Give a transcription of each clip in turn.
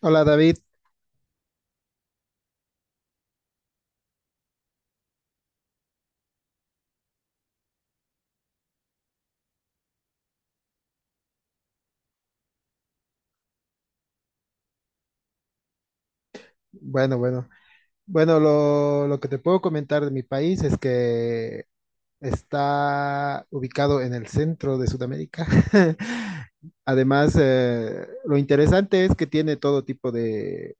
Hola David, bueno, bueno, bueno, lo que te puedo comentar de mi país es que está ubicado en el centro de Sudamérica. Además, lo interesante es que tiene todo tipo de,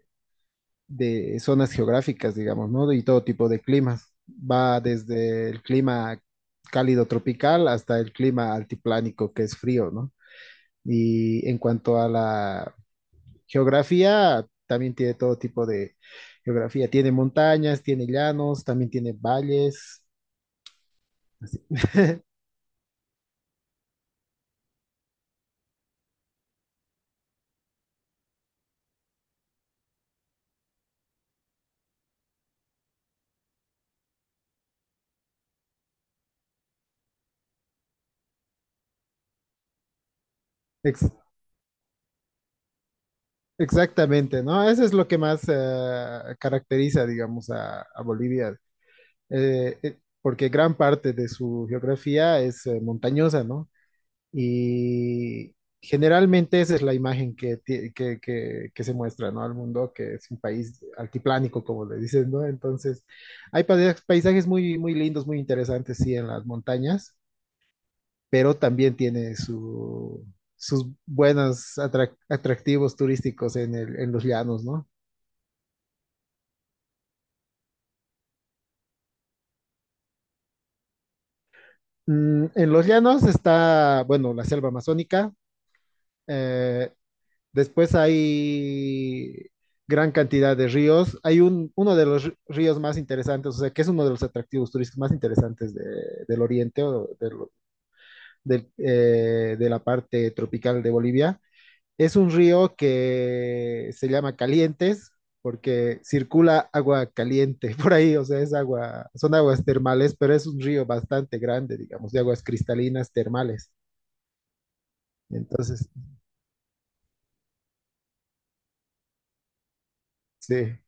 de zonas geográficas, digamos, ¿no? Y todo tipo de climas. Va desde el clima cálido tropical hasta el clima altiplánico, que es frío, ¿no? Y en cuanto a la geografía también tiene todo tipo de geografía. Tiene montañas, tiene llanos, también tiene valles. Así. Ex- exactamente, ¿no? Eso es lo que más caracteriza, digamos, a Bolivia, porque gran parte de su geografía es montañosa, ¿no? Y generalmente esa es la imagen que, ti- que se muestra, ¿no?, al mundo, que es un país altiplánico, como le dicen, ¿no? Entonces, hay paisajes muy, muy lindos, muy interesantes, sí, en las montañas, pero también tiene sus buenos atractivos turísticos en en los llanos, ¿no? Mm, en los llanos está, bueno, la selva amazónica. eh, Después hay gran cantidad de ríos. Hay uno de los ríos más interesantes, o sea, que es uno de los atractivos turísticos más interesantes del oriente o de la parte tropical de Bolivia. Es un río que se llama Calientes porque circula agua caliente por ahí, o sea, es agua, son aguas termales, pero es un río bastante grande, digamos, de aguas cristalinas termales. Entonces, sí.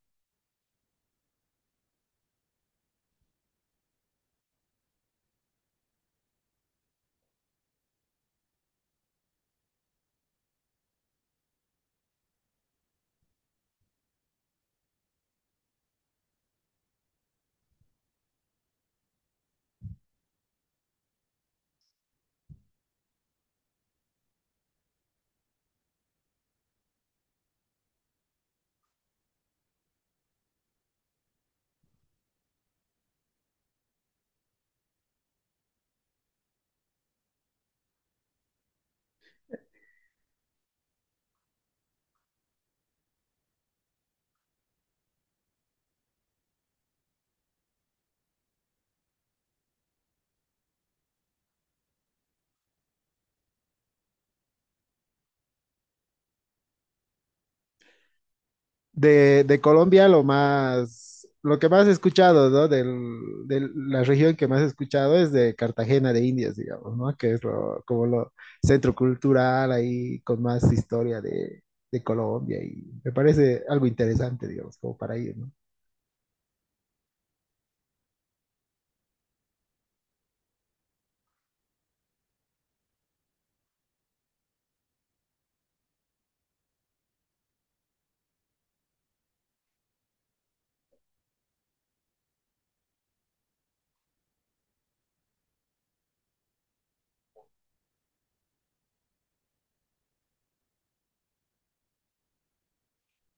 De Colombia lo más, lo que más he escuchado, ¿no? De la región que más he escuchado es de Cartagena de Indias, digamos, ¿no? Que es lo, como lo centro cultural ahí con más historia de Colombia, y me parece algo interesante, digamos, como para ir, ¿no?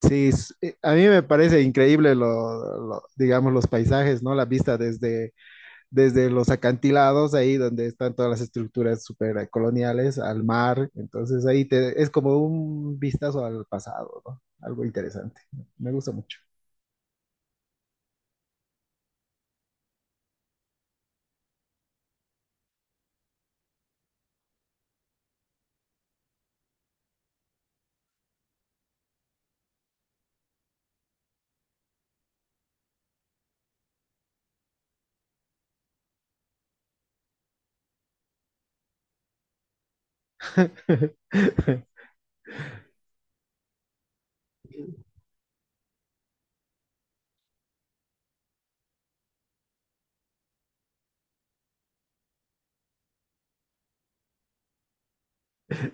Sí, a mí me parece increíble digamos, los paisajes, ¿no? La vista desde los acantilados, ahí donde están todas las estructuras super coloniales, al mar. Entonces ahí te, es como un vistazo al pasado, ¿no? Algo interesante. Me gusta mucho.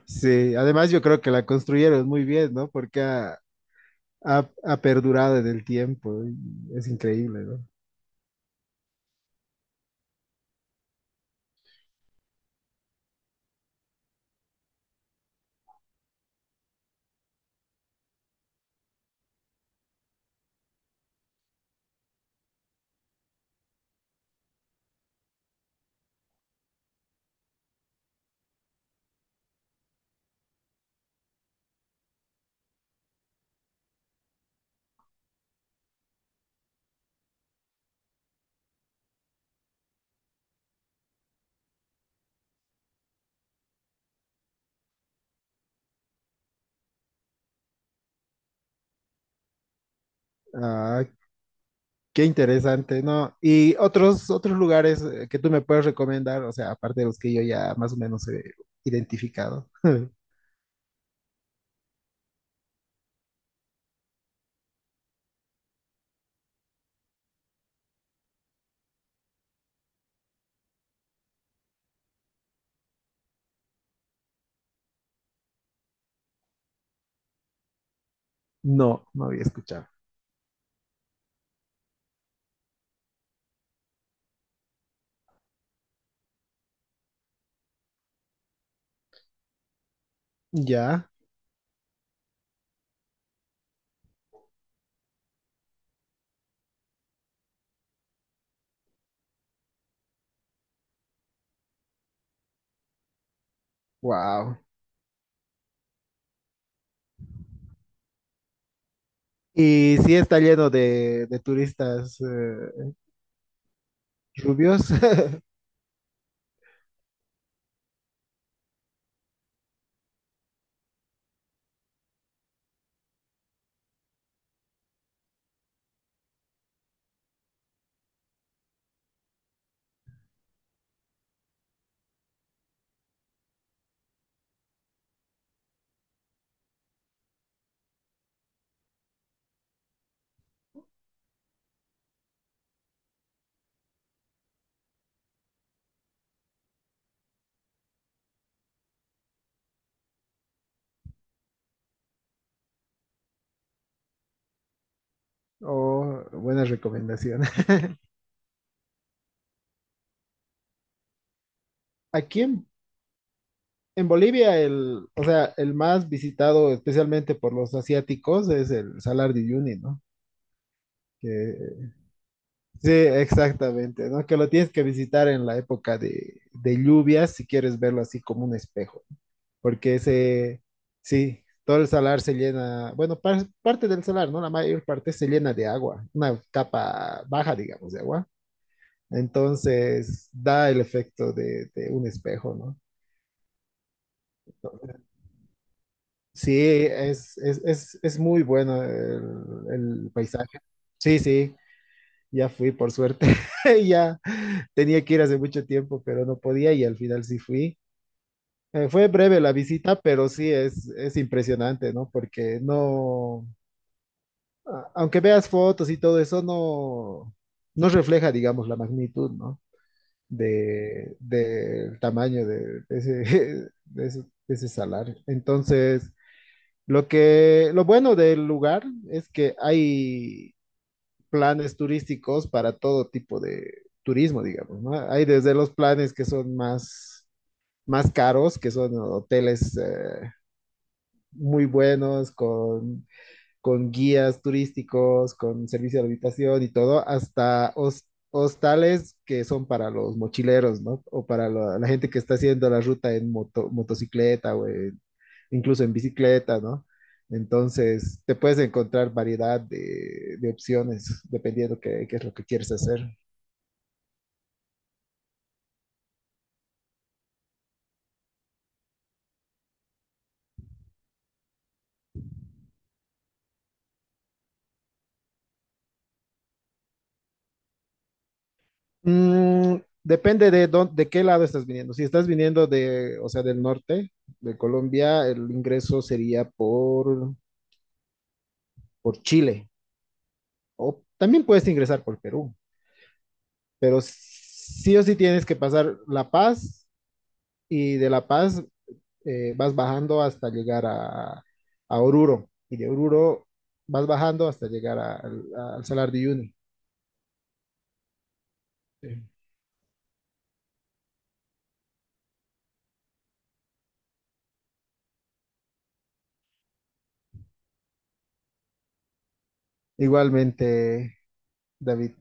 Sí, además yo creo que la construyeron muy bien, ¿no? Porque ha perdurado en el tiempo. Y Es increíble, ¿no? Ah, qué interesante, ¿no? Y otros, otros lugares que tú me puedes recomendar, o sea, aparte de los que yo ya más o menos he identificado. No, no había escuchado. Ya, wow. ¿Y si está lleno de turistas rubios? O buena recomendación. Aquí en Bolivia, el, o sea, el más visitado especialmente por los asiáticos es el Salar de Uyuni, ¿no? Que, sí, exactamente, ¿no? Que lo tienes que visitar en la época de lluvias si quieres verlo así como un espejo. Porque se, sí, todo el salar se llena, bueno, parte del salar, ¿no? La mayor parte se llena de agua, una capa baja, digamos, de agua. Entonces da el efecto de un espejo, ¿no? Sí, es muy bueno el paisaje. Sí, sí, ya fui, por suerte. Ya tenía que ir hace mucho tiempo, pero no podía y al final sí fui. Fue breve la visita, pero sí es impresionante, ¿no? Porque no, aunque veas fotos y todo eso, no, no refleja, digamos, la magnitud, ¿no? Del tamaño de ese, de ese, de ese salario. Entonces, lo que, lo bueno del lugar es que hay planes turísticos para todo tipo de turismo, digamos, ¿no? Hay desde los planes que son más caros, que son hoteles, muy buenos, con guías turísticos, con servicio de habitación y todo, hasta hostales que son para los mochileros, ¿no? O para la gente que está haciendo la ruta en motocicleta o incluso en bicicleta, ¿no? Entonces, te puedes encontrar variedad de opciones dependiendo qué, qué es lo que quieres hacer. Mm, depende de dónde, de qué lado estás viniendo. Si estás viniendo de, o sea, del norte de Colombia, el ingreso sería por Chile. O también puedes ingresar por Perú, pero sí o sí tienes que pasar La Paz y de La Paz vas bajando hasta llegar a Oruro y de Oruro vas bajando hasta llegar al Salar de Uyuni. Sí. Igualmente, David,